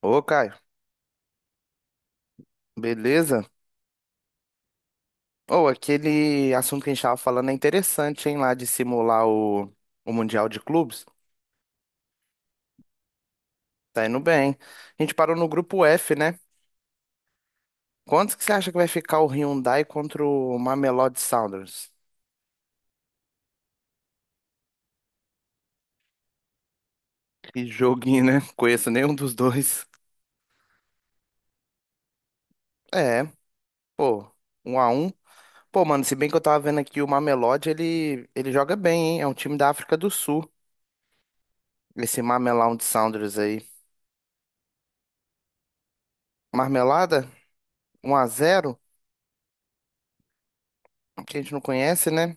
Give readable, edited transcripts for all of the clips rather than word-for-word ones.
Ô, Caio, beleza? Ô, aquele assunto que a gente tava falando é interessante, hein, lá de simular o Mundial de Clubes. Tá indo bem. A gente parou no grupo F, né? Quantos que você acha que vai ficar o Hyundai contra o Mamelodi Sundowns? Que joguinho, né? Conheço nenhum dos dois. É, pô, um a um. Pô, mano, se bem que eu tava vendo aqui o Mamelodi, ele joga bem, hein? É um time da África do Sul, esse Mamelodi Sundowns aí. Marmelada, um a zero. Que a gente não conhece, né?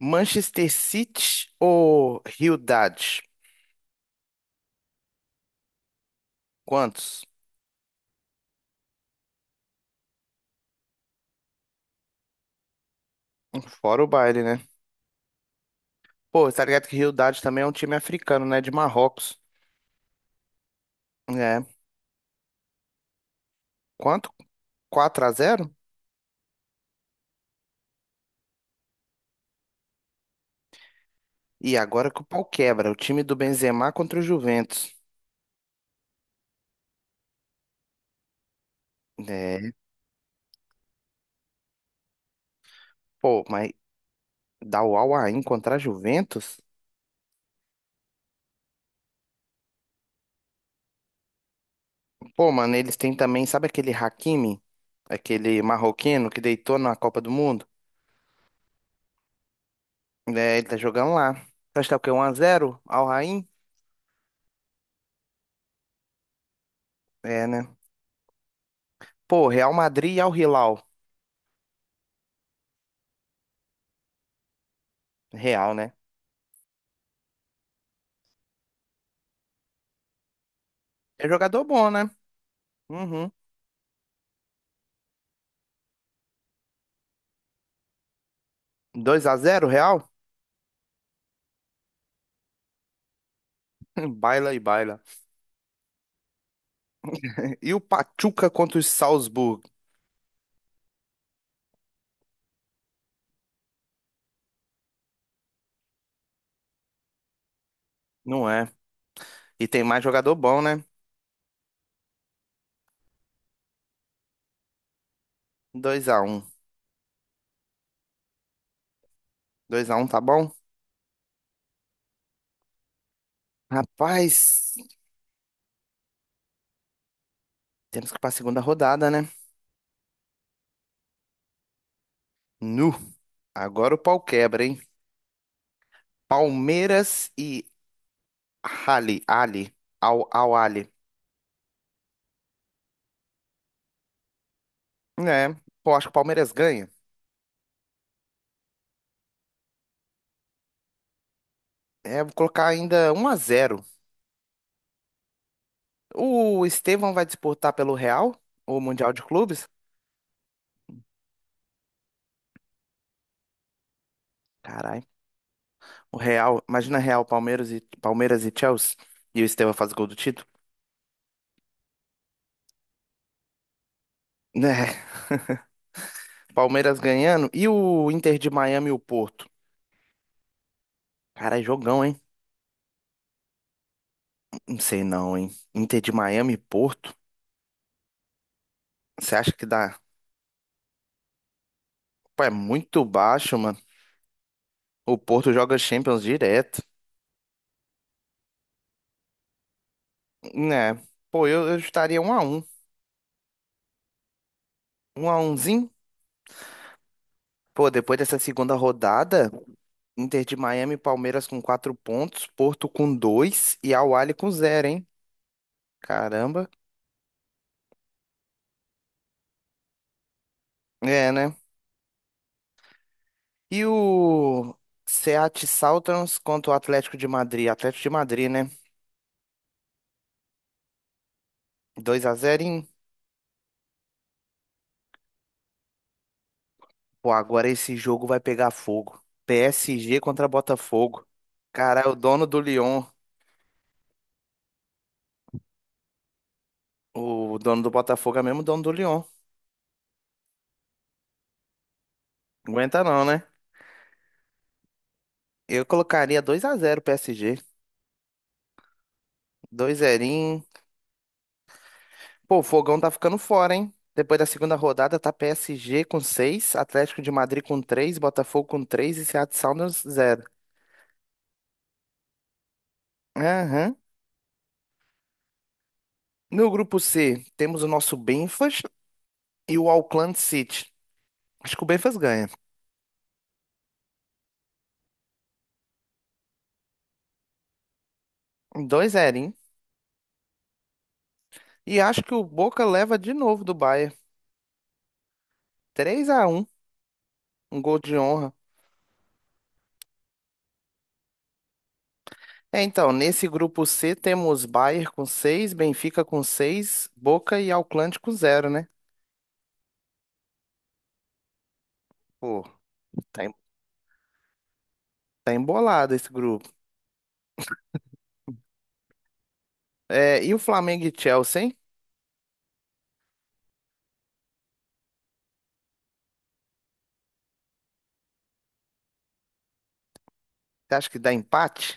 Manchester City ou Realidade? Quantos? Fora o baile, né? Pô, tá ligado que Realidade também é um time africano, né? De Marrocos. É. Quanto? Quatro a zero? E agora que o pau quebra. O time do Benzema contra o Juventus. É. Pô, mas dá o Al Ain contra a Juventus? Pô, mano, eles têm também, sabe aquele Hakimi? Aquele marroquino que deitou na Copa do Mundo? É, ele tá jogando lá. Acho que tá o quê? 1x0? Al Ain? É, né? Pô, Real Madrid e Al Hilal. Real, né? É jogador bom, né? Uhum. 2x0, Real? Baila e baila. E o Pachuca contra o Salzburg? Não é. E tem mais jogador bom, né? Dois a um, dois a um, tá bom? Rapaz, temos que ir pra segunda rodada, né? Nu. Agora o pau quebra, hein? Palmeiras e Ali. Ali. Al Ali. É, pô, acho que o Palmeiras ganha. É, vou colocar ainda um a zero. O Estevão vai disputar pelo Real? O Mundial de Clubes? Caralho. O Real, imagina Real, Palmeiras e Chelsea, e o Estevão faz gol do título. Né? Palmeiras ganhando, e o Inter de Miami e o Porto? Cara, é jogão, hein? Não sei não, hein? Inter de Miami e Porto? Você acha que dá? Pô, é muito baixo, mano. O Porto joga Champions direto. Né? Pô, eu estaria um a um. Um a umzinho. Pô, depois dessa segunda rodada, Inter de Miami e Palmeiras com quatro pontos, Porto com dois e Al Ahly com zero, hein? Caramba. É, né? E o Seattle Sounders contra o Atlético de Madrid. Atlético de Madrid, né? 2 a zero em... Pô, agora esse jogo vai pegar fogo. PSG contra Botafogo. Cara, é o dono do Lyon, o dono do Botafogo é mesmo o dono do Lyon. Aguenta não, né? Eu colocaria 2 a 0 PSG. 2 0. Pô, o Fogão tá ficando fora, hein? Depois da segunda rodada tá PSG com 6, Atlético de Madrid com 3, Botafogo com 3 e Seattle Sounders 0. No grupo C, temos o nosso Benfas e o Auckland City. Acho que o Benfas ganha. 2-0, hein? E acho que o Boca leva de novo do Bayern. Três a um, um gol de honra. É, então, nesse grupo C temos Bayern com 6, Benfica com 6, Boca e Auckland com zero, né? Pô, tá, em- tá embolado esse grupo. É, e o Flamengo e Chelsea, hein? Você acha que dá empate?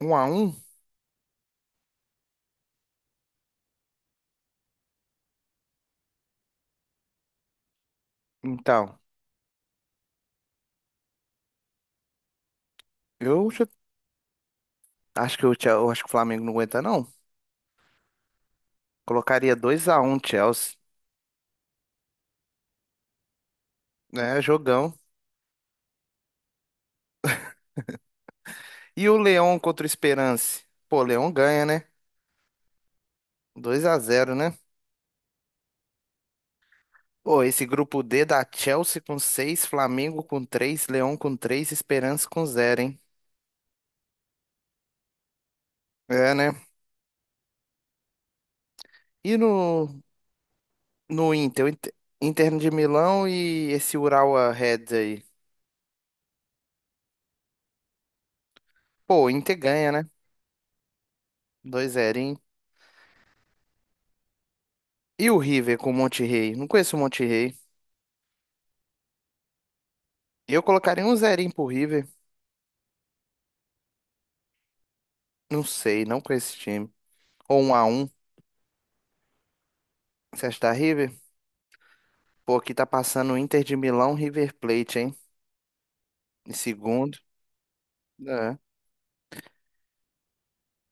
Um a um. Então, eu chu- eu acho que o Flamengo não aguenta, não. Colocaria dois a um, Chelsea. É, jogão. E o Leão contra o Esperance? Pô, o Leão ganha, né? Dois a zero, né? Pô, esse grupo D dá Chelsea com seis, Flamengo com três, Leão com três, esperança com zero, hein? É, né? E no Inter, Inter de Milão e esse Urawa Reds aí? Pô, o Inter ganha, né? 2 0. E o River com o Monterrey? Não conheço o Monterrey. Eu colocaria um zerinho pro River. Não sei, não conheço esse time. Ou um a um. Você acha que dá River? Pô, aqui tá passando o Inter de Milão, River Plate, hein? Em segundo. É.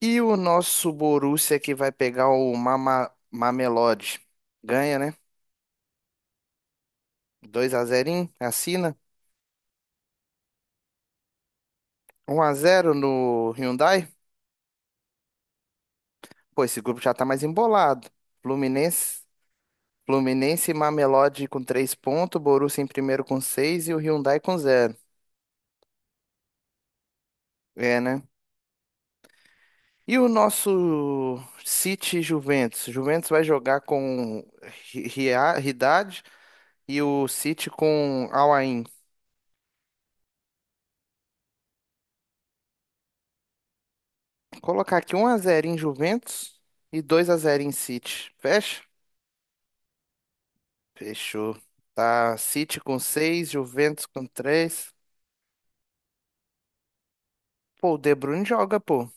E o nosso Borussia que vai pegar o Mamelodi. Ganha, né? 2x0, assina. Um a zero no Hyundai. Pô, esse grupo já tá mais embolado. Fluminense, Fluminense e Mamelodi com 3 pontos, Borussia em primeiro com 6 e o Hyundai com zero. É, né? E o nosso City e Juventus? Juventus vai jogar com Ridad. E o City com Al Ain. Colocar aqui um a zero em Juventus e dois a zero em City. Fecha? Fechou. Tá, City com seis, Juventus com três. Pô, o De Bruyne joga, pô.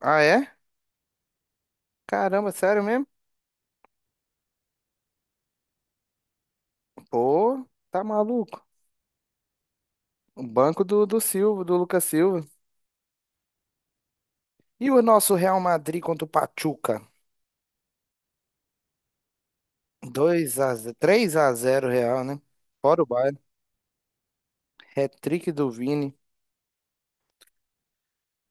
Ah, é? Caramba, sério mesmo? Pô, tá maluco. O banco do Silva, do Lucas Silva. E o nosso Real Madrid contra o Pachuca? Dois a zero, três a zero Real, né? Fora o Bayern. Hat-trick do Vini.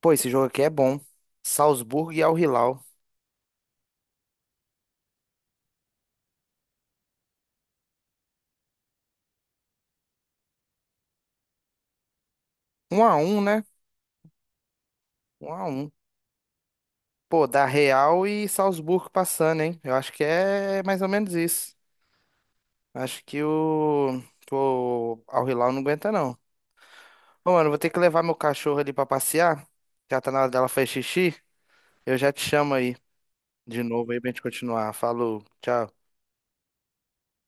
Pô, esse jogo aqui é bom. Salzburgo e Al Hilal. Um a um, né? Um a um. Pô, da Real e Salzburgo passando, hein? Eu acho que é mais ou menos isso. Acho que o Al Hilal não aguenta, não. Ô, mano, eu vou ter que levar meu cachorro ali pra passear. Já tá na hora dela fazer xixi. Eu já te chamo aí de novo aí pra gente continuar. Falou, tchau.